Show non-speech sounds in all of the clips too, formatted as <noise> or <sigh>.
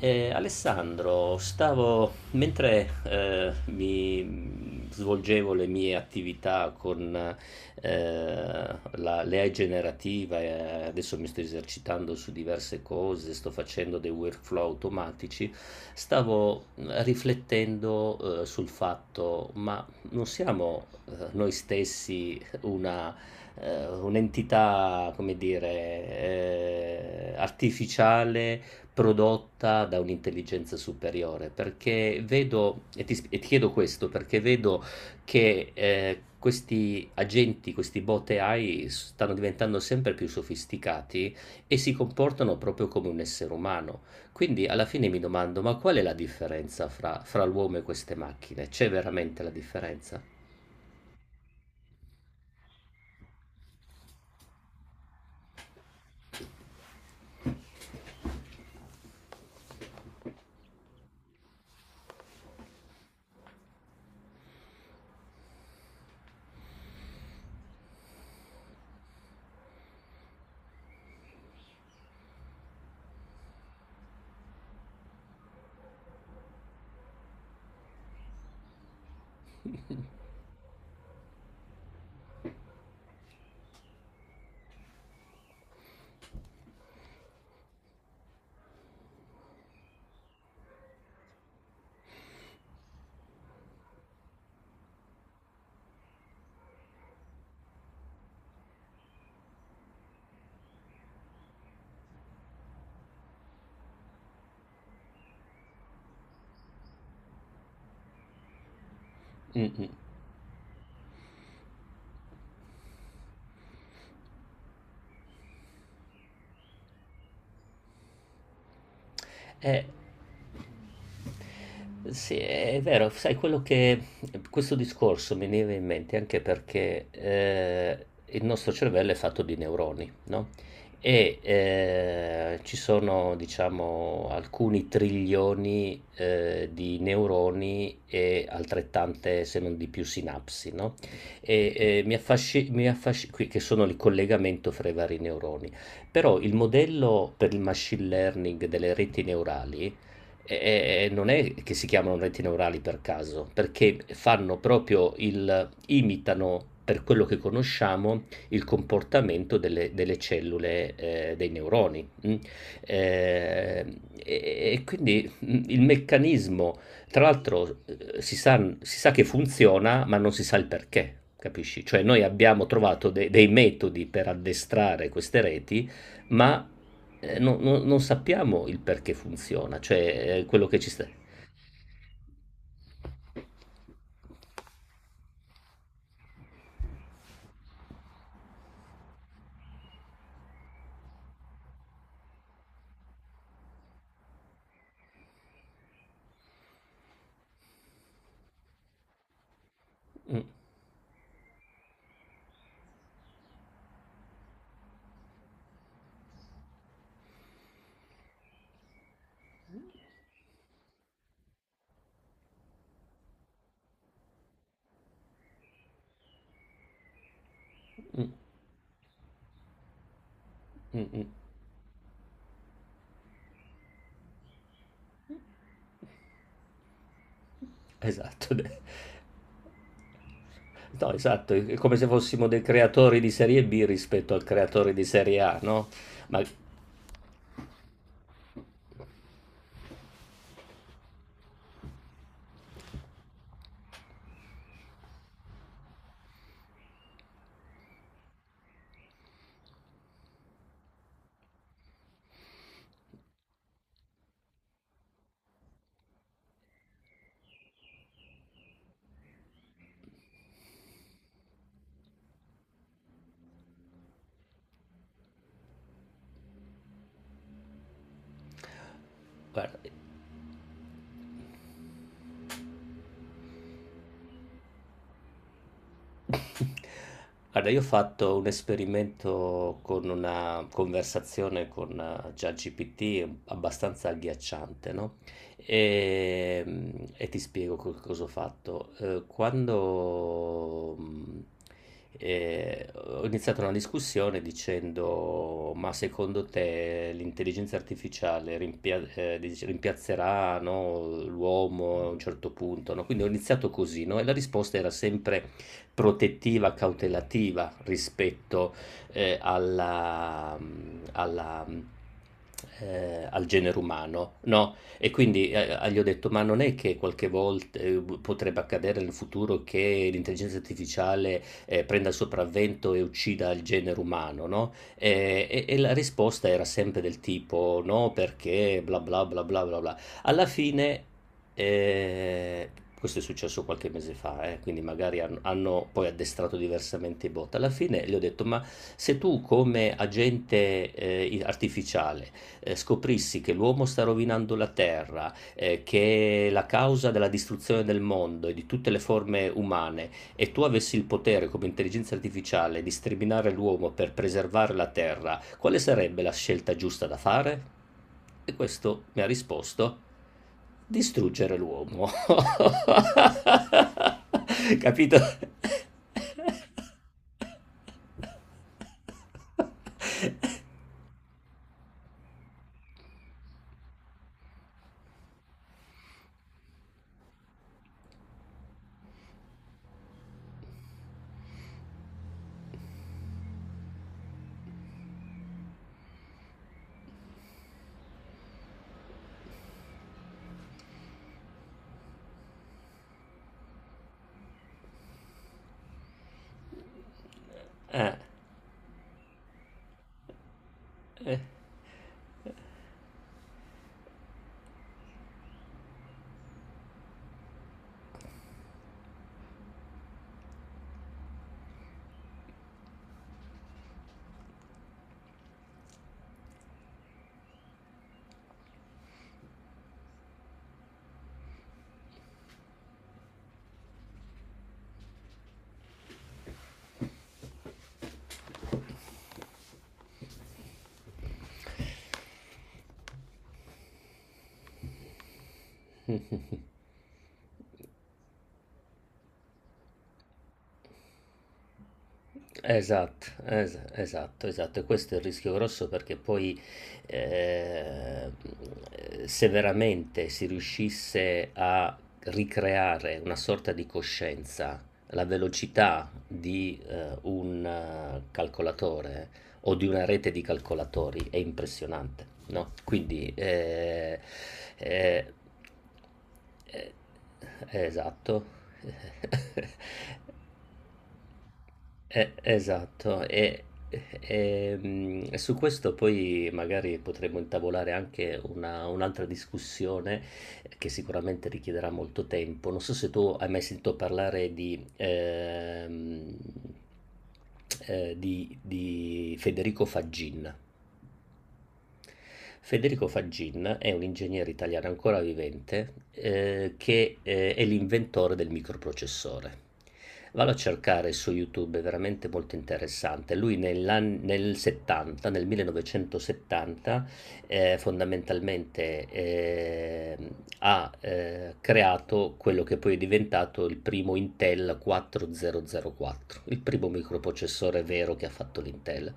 Alessandro, stavo mentre, mi svolgevo le mie attività con, la l'AI generativa e adesso mi sto esercitando su diverse cose, sto facendo dei workflow automatici, stavo riflettendo, sul fatto: ma non siamo, noi stessi una un'entità, come dire, artificiale prodotta da un'intelligenza superiore, perché vedo, e ti chiedo questo, perché vedo che questi agenti, questi bot AI stanno diventando sempre più sofisticati e si comportano proprio come un essere umano. Quindi alla fine mi domando, ma qual è la differenza fra l'uomo e queste macchine? C'è veramente la differenza? Mm, mm. Eh, sì, è vero, sai quello che questo discorso mi viene in mente anche perché il nostro cervello è fatto di neuroni, no? E ci sono, diciamo, alcuni trilioni di neuroni e altrettante, se non di più, sinapsi, no? E che sono il collegamento fra i vari neuroni. Però il modello per il machine learning delle reti neurali non è che si chiamano reti neurali per caso, perché fanno proprio imitano per quello che conosciamo il comportamento delle cellule dei neuroni. Mm. Eh, e quindi il meccanismo, tra l'altro, si sa che funziona, ma non si sa il perché. Capisci? Cioè, noi abbiamo trovato dei metodi per addestrare queste reti ma non sappiamo il perché funziona, cioè quello che ci sta. Mm, mm, mm, mm. Esatto. <laughs> No, esatto, è come se fossimo dei creatori di serie B rispetto al creatore di serie A, no? Ma guarda, <laughs> Guarda, io ho fatto un esperimento con una conversazione con ChatGPT abbastanza agghiacciante, no? E, mm, e ti spiego cosa ho fatto. Quando ho iniziato una discussione dicendo: ma secondo te l'intelligenza artificiale rimpiazzerà, no, l'uomo a un certo punto, no? Quindi ho iniziato così, no? E la risposta era sempre protettiva, cautelativa rispetto eh, alla, mm, alla, mm, al genere umano, no? E quindi gli ho detto, ma non è che qualche volta potrebbe accadere nel futuro che l'intelligenza artificiale prenda il sopravvento e uccida il genere umano, no? E la risposta era sempre del tipo, no, perché bla bla bla bla bla bla. Alla fine, e questo è successo qualche mese fa, quindi magari hanno poi addestrato diversamente i bot. Alla fine gli ho detto: ma se tu, come agente artificiale, scoprissi che l'uomo sta rovinando la terra, che è la causa della distruzione del mondo e di tutte le forme umane, e tu avessi il potere come intelligenza artificiale di sterminare l'uomo per preservare la terra, quale sarebbe la scelta giusta da fare? E questo mi ha risposto: distruggere l'uomo. <laughs> Capito? <laughs> Eh, Esatto, esatto, esatto, e questo è il rischio grosso perché poi eh, se veramente si riuscisse a ricreare una sorta di coscienza, la velocità di un calcolatore o di una rete di calcolatori è impressionante, no? Quindi eh, eh, esatto. <laughs> Esatto, e su questo poi magari potremmo intavolare anche un'altra discussione che sicuramente richiederà molto tempo. Non so se tu hai mai sentito parlare di Federico Faggin. Federico Faggin è un ingegnere italiano ancora vivente, che è l'inventore del microprocessore. Vado a cercare su YouTube, è veramente molto interessante. Lui nel 70, nel 1970, fondamentalmente ha creato quello che poi è diventato il primo Intel 4004, il primo microprocessore vero che ha fatto l'Intel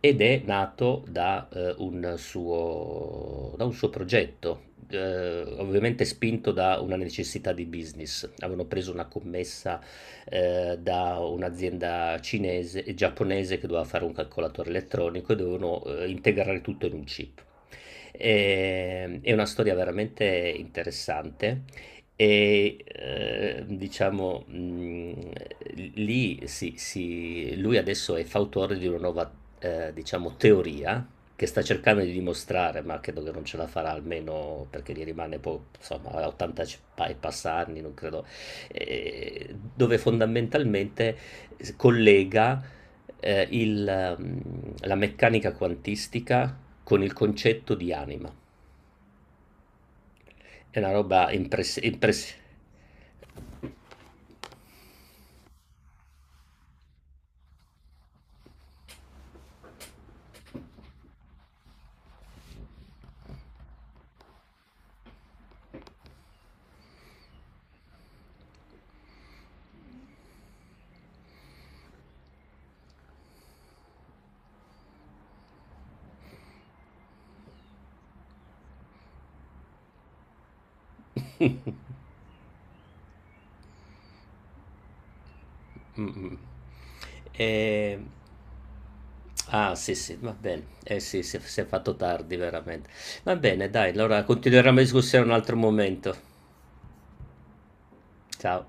ed è nato da, un suo da un suo progetto, ovviamente spinto da una necessità di business. Avevano preso una commessa, da un'azienda cinese e giapponese che doveva fare un calcolatore elettronico e dovevano, integrare tutto in un chip. È una storia veramente interessante, e, diciamo, lì si lui adesso è fautore di una nuova, diciamo teoria, che sta cercando di dimostrare, ma credo che non ce la farà almeno perché gli rimane po insomma ha 80 c pa e passa anni, non credo dove fondamentalmente s collega, ehm, il mhmm, la meccanica quantistica con il concetto di anima. È una roba impress. Mh-mh. Ehm Ah sì, sì, va bene. Eh sì, si è fatto tardi veramente. Va bene dai, allora continueremo la discussione un altro momento. Ciao.